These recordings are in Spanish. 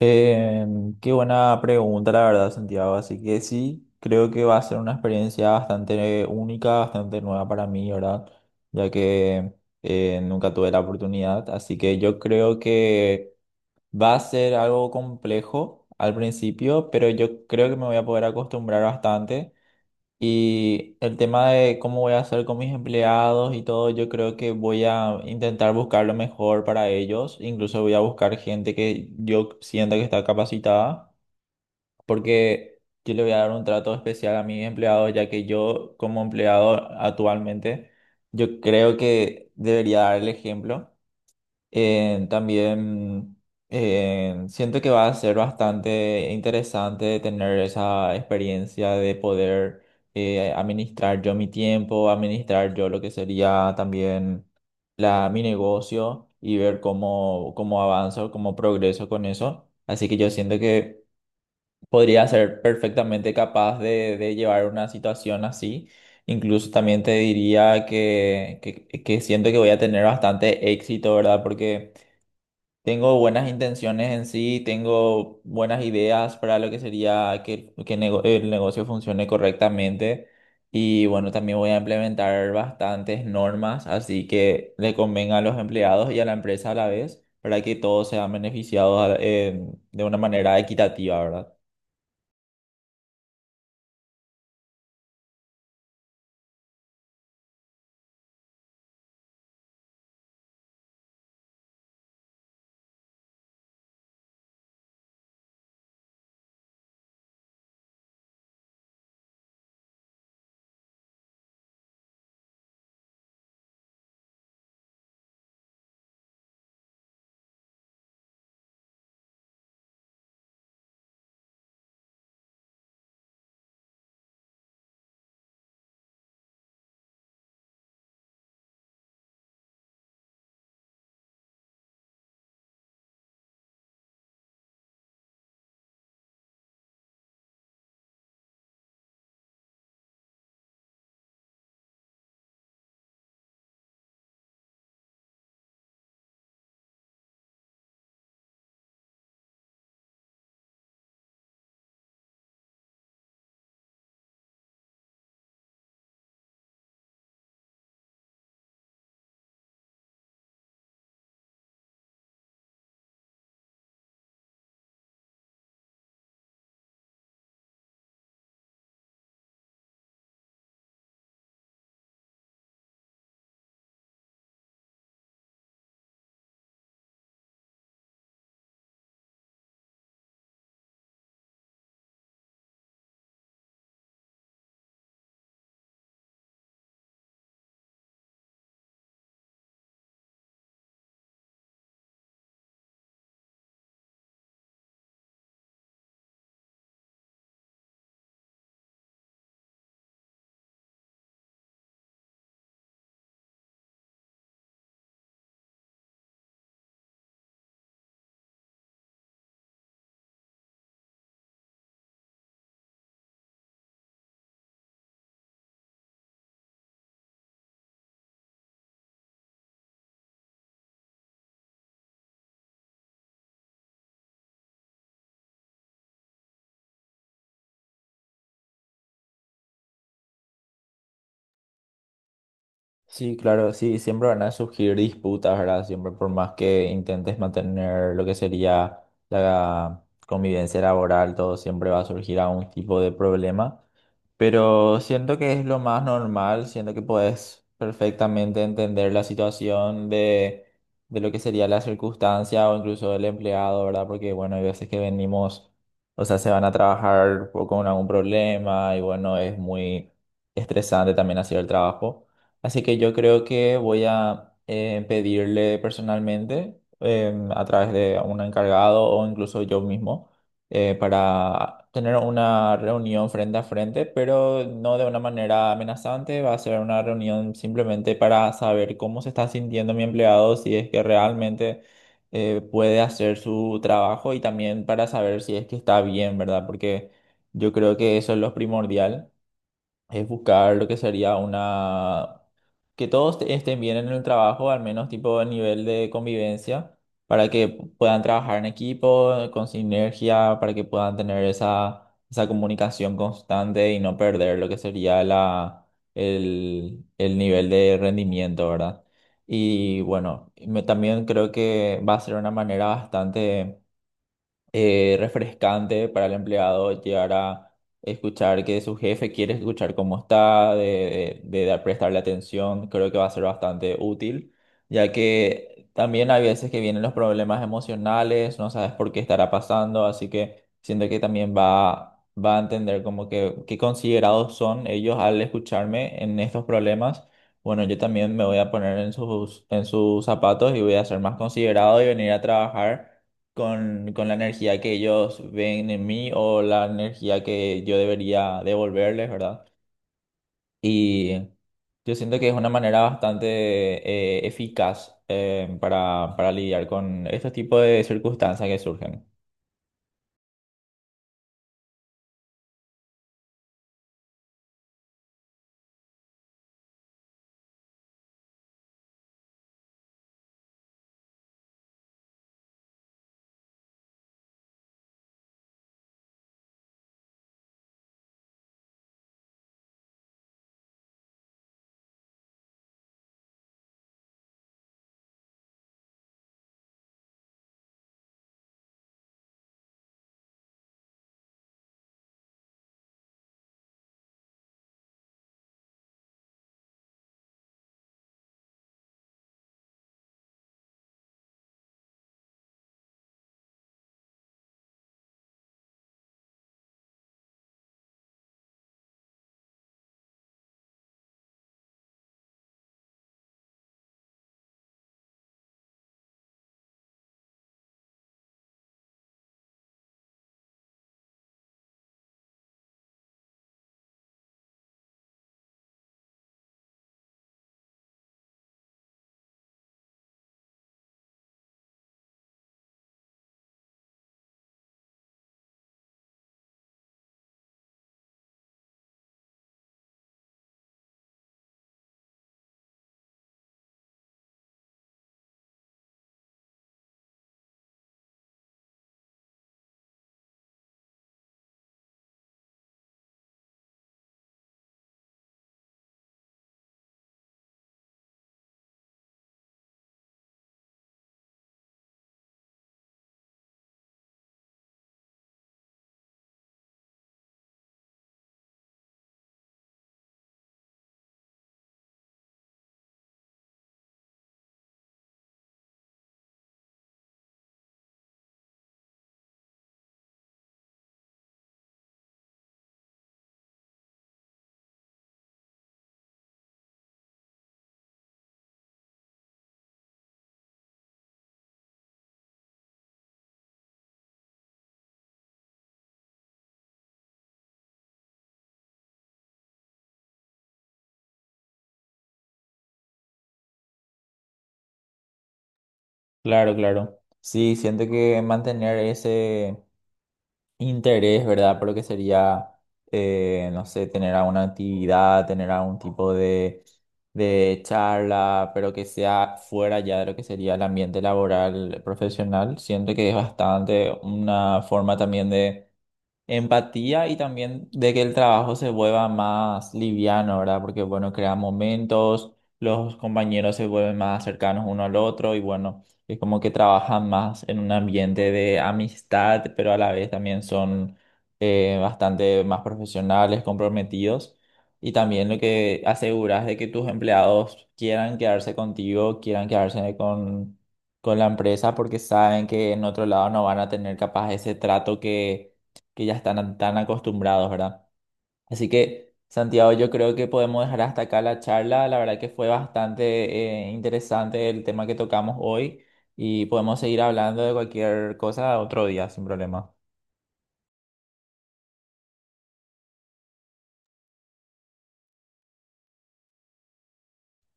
Eh, Qué buena pregunta, la verdad, Santiago. Así que sí, creo que va a ser una experiencia bastante única, bastante nueva para mí, ¿verdad? Ya que nunca tuve la oportunidad. Así que yo creo que va a ser algo complejo al principio, pero yo creo que me voy a poder acostumbrar bastante. Y el tema de cómo voy a hacer con mis empleados y todo, yo creo que voy a intentar buscar lo mejor para ellos. Incluso voy a buscar gente que yo sienta que está capacitada, porque yo le voy a dar un trato especial a mis empleados, ya que yo como empleado actualmente, yo creo que debería dar el ejemplo. También siento que va a ser bastante interesante tener esa experiencia de poder administrar yo mi tiempo, administrar yo lo que sería también mi negocio y ver cómo, cómo avanzo, cómo progreso con eso. Así que yo siento que podría ser perfectamente capaz de llevar una situación así. Incluso también te diría que siento que voy a tener bastante éxito, ¿verdad? Porque tengo buenas intenciones en sí, tengo buenas ideas para lo que sería que el negocio funcione correctamente y bueno, también voy a implementar bastantes normas, así que le convenga a los empleados y a la empresa a la vez para que todos sean beneficiados de una manera equitativa, ¿verdad? Sí, claro, sí, siempre van a surgir disputas, ¿verdad? Siempre por más que intentes mantener lo que sería la convivencia laboral, todo siempre va a surgir algún tipo de problema. Pero siento que es lo más normal, siento que puedes perfectamente entender la situación de lo que sería la circunstancia o incluso del empleado, ¿verdad? Porque, bueno, hay veces que venimos, o sea, se van a trabajar con algún problema y, bueno, es muy estresante también hacer el trabajo. Así que yo creo que voy a pedirle personalmente a través de un encargado o incluso yo mismo para tener una reunión frente a frente, pero no de una manera amenazante. Va a ser una reunión simplemente para saber cómo se está sintiendo mi empleado, si es que realmente puede hacer su trabajo y también para saber si es que está bien, ¿verdad? Porque yo creo que eso es lo primordial, es buscar lo que sería una que estén bien en el trabajo, al menos tipo a nivel de convivencia, para que puedan trabajar en equipo, con sinergia, para que puedan tener esa, esa comunicación constante y no perder lo que sería el nivel de rendimiento, ¿verdad? Y bueno, también creo que va a ser una manera bastante refrescante para el empleado llegar a escuchar que su jefe quiere escuchar cómo está, de prestarle atención, creo que va a ser bastante útil, ya que también hay veces que vienen los problemas emocionales, no sabes por qué estará pasando, así que siento que también va a entender como que qué considerados son ellos al escucharme en estos problemas. Bueno, yo también me voy a poner en en sus zapatos y voy a ser más considerado y venir a trabajar con la energía que ellos ven en mí o la energía que yo debería devolverles, ¿verdad? Y yo siento que es una manera bastante eficaz para lidiar con estos tipos de circunstancias que surgen. Claro, claro. Sí, siento que mantener ese interés, ¿verdad? Por lo que sería, no sé, tener alguna actividad, tener algún tipo de charla, pero que sea fuera ya de lo que sería el ambiente laboral profesional. Siento que es bastante una forma también de empatía y también de que el trabajo se vuelva más liviano, ¿verdad? Porque, bueno, crea momentos, los compañeros se vuelven más cercanos uno al otro y, bueno, es como que trabajan más en un ambiente de amistad, pero a la vez también son bastante más profesionales, comprometidos. Y también lo que aseguras de que tus empleados quieran quedarse contigo, quieran quedarse con la empresa porque saben que en otro lado no van a tener capaz ese trato que ya están tan acostumbrados, ¿verdad? Así que, Santiago, yo creo que podemos dejar hasta acá la charla. La verdad que fue bastante interesante el tema que tocamos hoy y podemos seguir hablando de cualquier cosa otro día, sin problema.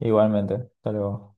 Igualmente, hasta luego.